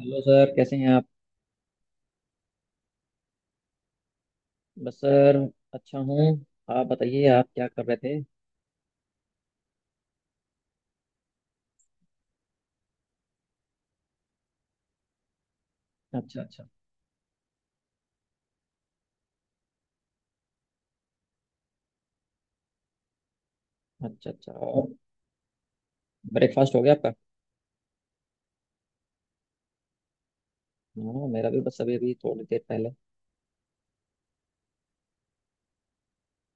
Hello sir, कैसे हैं आप? बस सर, अच्छा हूँ। आप बताइए, आप क्या कर रहे थे? अच्छा, अच्छा। अच्छा, अच्छा। और ब्रेकफास्ट हो गया आपका? हाँ, मेरा भी बस अभी अभी थोड़ी देर पहले।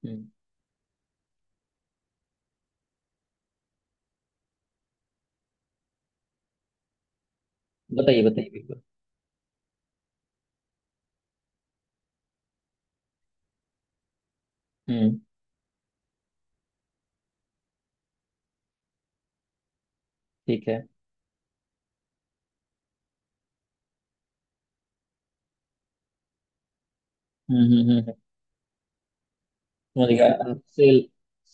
हम्म। बताइए, बताइए, बिल्कुल। हम्म। ठीक है। हम्म। समझ गया, आप सेल,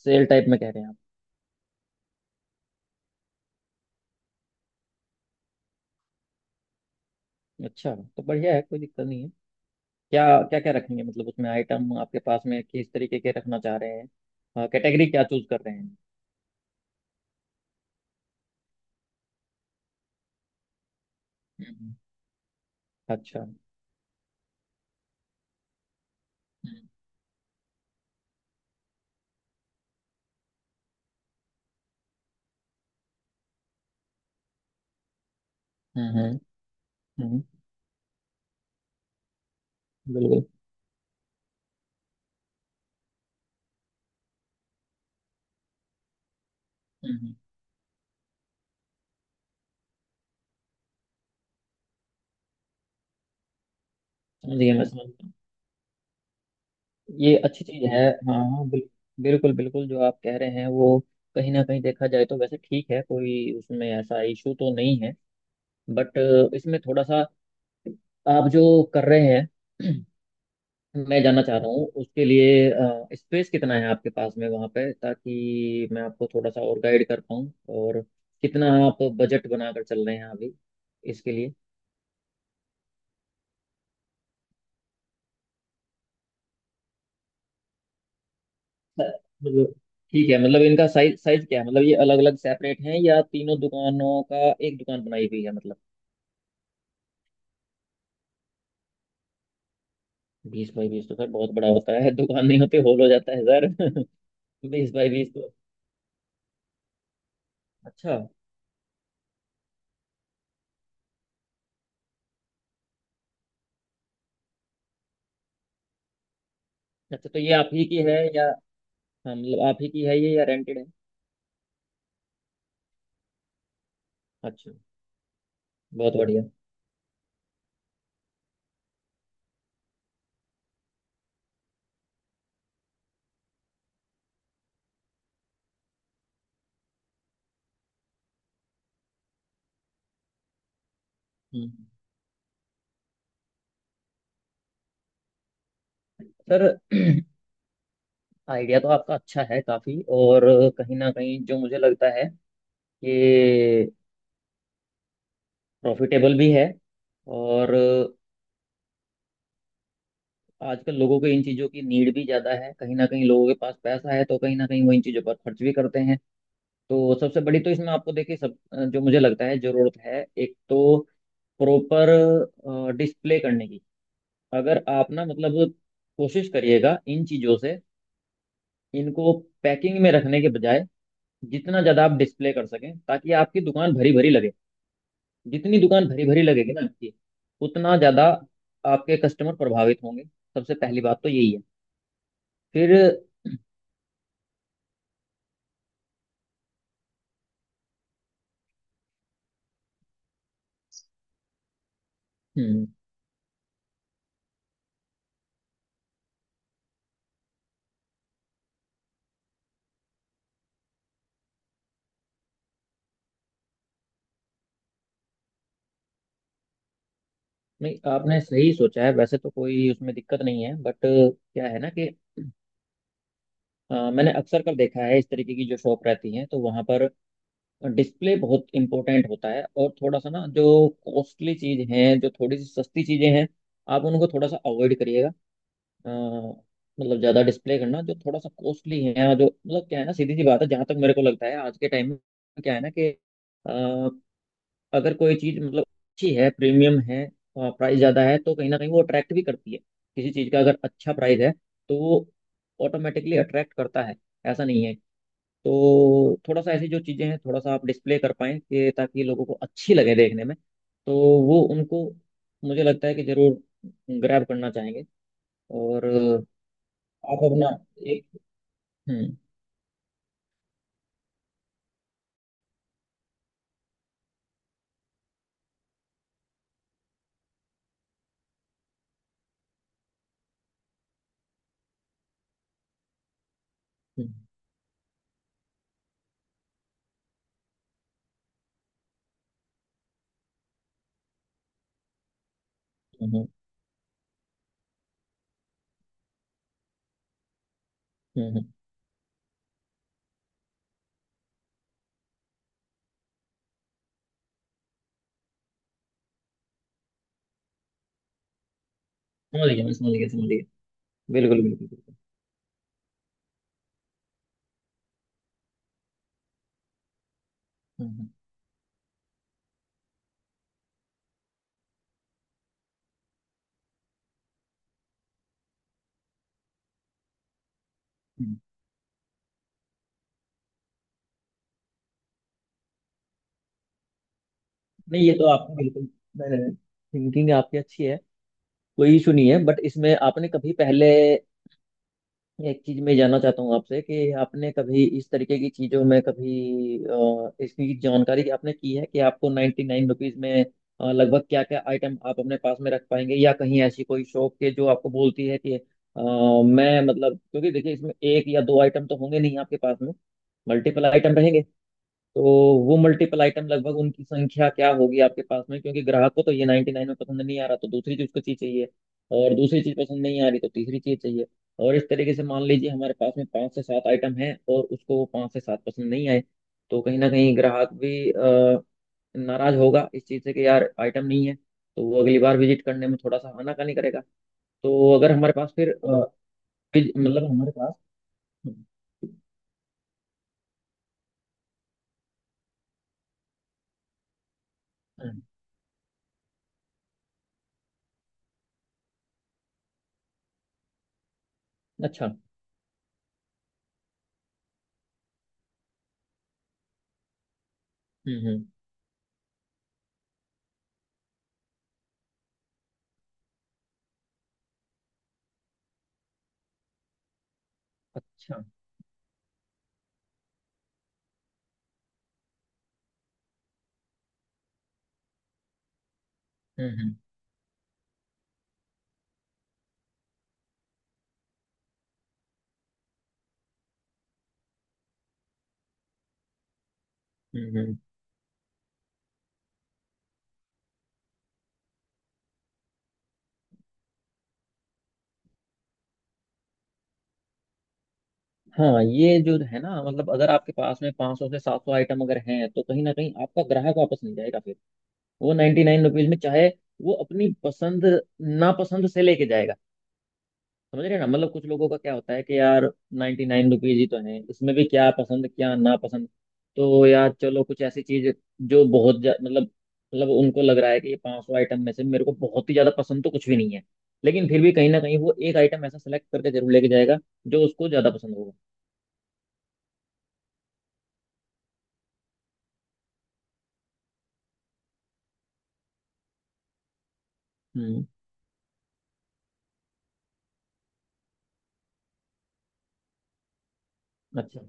सेल टाइप में कह रहे हैं आप। अच्छा, तो बढ़िया है, कोई दिक्कत नहीं है। क्या क्या क्या रखेंगे, मतलब उसमें आइटम आपके पास में किस तरीके के रखना चाह रहे हैं? कैटेगरी क्या चूज कर रहे हैं? हम्म। अच्छा। हम्म हम्म हम्म, हम्म। बिल्कुल। हम्म, हम्म। समझ गया, मैं समझ गया। ये अच्छी चीज है। हाँ हाँ, बिल्कुल बिल्कुल, जो आप कह रहे हैं वो कहीं ना कहीं देखा जाए तो वैसे ठीक है, कोई उसमें ऐसा इशू तो नहीं है। बट इसमें थोड़ा सा, आप जो कर रहे हैं, मैं जानना चाह रहा हूँ उसके लिए स्पेस कितना है आपके पास में वहाँ पे, ताकि मैं आपको थोड़ा सा और गाइड कर पाऊँ। और कितना आप बजट बनाकर चल रहे हैं अभी इसके लिए? मतलब ठीक है, मतलब इनका साइज साइज क्या है, मतलब ये अलग अलग सेपरेट हैं या तीनों दुकानों का एक दुकान बनाई हुई है मतलब? बीस बाई बीस तो सर बहुत बड़ा होता है, दुकान नहीं होती होल हो जाता है सर। 20 बाई 20 तो, अच्छा। अच्छा, तो ये आप ही की है या? हाँ, मतलब आप ही की है ये, या रेंटेड है? अच्छा। बहुत बढ़िया। हम्म। सर आइडिया तो आपका अच्छा है काफी, और कहीं ना कहीं जो मुझे लगता है कि प्रॉफिटेबल भी है, और आजकल लोगों को इन चीज़ों की नीड भी ज़्यादा है, कहीं ना कहीं लोगों के पास पैसा है, तो कहीं ना कहीं वो इन चीज़ों पर खर्च भी करते हैं। तो सबसे बड़ी तो इसमें आपको देखिए, सब जो मुझे लगता है जरूरत है, एक तो प्रॉपर डिस्प्ले करने की। अगर आप ना मतलब, कोशिश करिएगा इन चीज़ों से, इनको पैकिंग में रखने के बजाय जितना ज़्यादा आप डिस्प्ले कर सकें ताकि आपकी दुकान भरी भरी लगे। जितनी दुकान भरी भरी लगेगी ना आपकी, उतना ज़्यादा आपके कस्टमर प्रभावित होंगे। सबसे पहली बात तो यही है। फिर, हम्म। नहीं, आपने सही सोचा है, वैसे तो कोई उसमें दिक्कत नहीं है। बट क्या है ना कि मैंने अक्सर कर देखा है, इस तरीके की जो शॉप रहती हैं तो वहाँ पर डिस्प्ले बहुत इंपॉर्टेंट होता है। और थोड़ा सा ना, जो कॉस्टली चीज हैं, जो थोड़ी सी सस्ती चीजें हैं, आप उनको थोड़ा सा अवॉइड करिएगा। अ, मतलब ज़्यादा डिस्प्ले करना जो थोड़ा सा कॉस्टली है, जो मतलब क्या है ना, सीधी सी बात है, जहाँ तक मेरे को लगता है आज के टाइम में, क्या है ना कि अगर कोई चीज मतलब अच्छी है, प्रीमियम है, प्राइस ज्यादा है, तो कहीं ना कहीं वो अट्रैक्ट भी करती है। किसी चीज का अगर अच्छा प्राइस है, तो वो ऑटोमेटिकली अट्रैक्ट करता है, ऐसा नहीं है? तो थोड़ा सा ऐसी जो चीजें हैं थोड़ा सा आप डिस्प्ले कर पाएं कि ताकि लोगों को अच्छी लगे देखने में। तो वो उनको मुझे लगता है कि जरूर ग्रैब करना चाहेंगे। और आप अपना एक, हम्म हम्म हम्म हम्म। समझ गया, मैं समझ गया, समझ गया। बिल्कुल बिल्कुल बिल्कुल। हम्म हम्म हम्म। नहीं ये तो आपने बिल्कुल, थिंकिंग आपकी अच्छी है, कोई इशू नहीं है। बट इसमें आपने कभी पहले, एक चीज में जानना चाहता हूँ आपसे कि आपने कभी इस तरीके की चीजों में कभी इसकी जानकारी आपने की है कि आपको 99 रुपीज में लगभग क्या क्या आइटम आप अपने पास में रख पाएंगे, या कहीं ऐसी कोई शॉप के जो आपको बोलती है कि मैं मतलब क्योंकि देखिए, इसमें एक या दो आइटम तो होंगे नहीं आपके पास में, मल्टीपल आइटम रहेंगे। तो वो मल्टीपल आइटम लगभग उनकी संख्या क्या होगी आपके पास में? क्योंकि ग्राहक को तो ये 99 में पसंद नहीं आ रहा, तो दूसरी चीज उसको चीज चाहिए। और दूसरी चीज पसंद नहीं आ रही तो तीसरी चीज चाहिए। और इस तरीके से मान लीजिए हमारे पास में 5 से 7 आइटम हैं और उसको वो 5 से 7 पसंद नहीं आए, तो कहीं ना कहीं ग्राहक भी नाराज होगा इस चीज से कि यार आइटम नहीं है, तो वो अगली बार विजिट करने में थोड़ा सा आनाकानी करेगा। तो अगर हमारे पास फिर मतलब हमारे पास, हम्म, अच्छा। हम्म। अच्छा। हम्म हम्म हम्म हम्म। हाँ, ये जो है ना, मतलब अगर आपके पास में 500 से 700 आइटम अगर हैं तो कहीं ना कहीं आपका ग्राहक वापस नहीं जाएगा फिर। वो 99 रुपीज में चाहे, वो अपनी पसंद नापसंद से लेके जाएगा। समझ रहे हैं ना? मतलब कुछ लोगों का क्या होता है कि यार 99 रुपीज ही तो है, इसमें भी क्या पसंद क्या नापसंद। तो यार चलो कुछ ऐसी चीज जो बहुत मतलब उनको लग रहा है कि ये 500 आइटम में से मेरे को बहुत ही ज्यादा पसंद तो कुछ भी नहीं है, लेकिन फिर भी कहीं ना कहीं वो एक आइटम ऐसा सेलेक्ट करके जरूर लेके जाएगा जो उसको ज्यादा पसंद होगा। हम्म। अच्छा।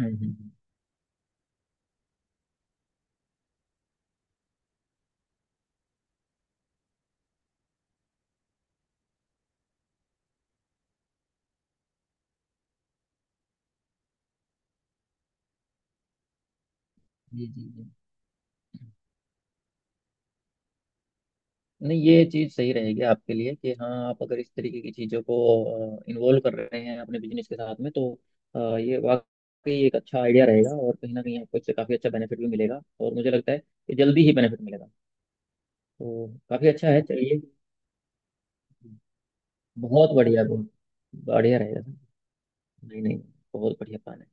हम्म हम्म, हम्म। जी जी जी। नहीं ये चीज़ सही रहेगी आपके लिए कि हाँ, आप अगर इस तरीके की चीज़ों को इन्वॉल्व कर रहे हैं अपने बिजनेस के साथ में, तो ये वाकई एक अच्छा आइडिया रहेगा, और कहीं ना कहीं आपको इससे काफ़ी अच्छा बेनिफिट भी मिलेगा, और मुझे लगता है कि जल्दी ही बेनिफिट मिलेगा। तो काफ़ी अच्छा है। चलिए, बहुत बढ़िया, बहुत बढ़िया रहेगा। नहीं नहीं, बहुत बढ़िया प्लान है।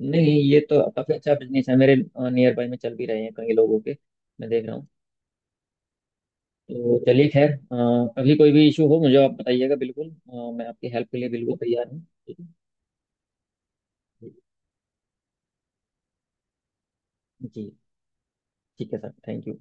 नहीं ये तो काफ़ी अच्छा बिजनेस है, मेरे नियर बाय में चल भी रहे हैं कई लोगों के, मैं देख रहा हूँ। तो चलिए खैर, अभी कोई भी इशू हो मुझे आप बताइएगा बिल्कुल, मैं आपकी हेल्प के लिए बिल्कुल तैयार हूँ। ठीक है? जी, ठीक है सर, थैंक यू।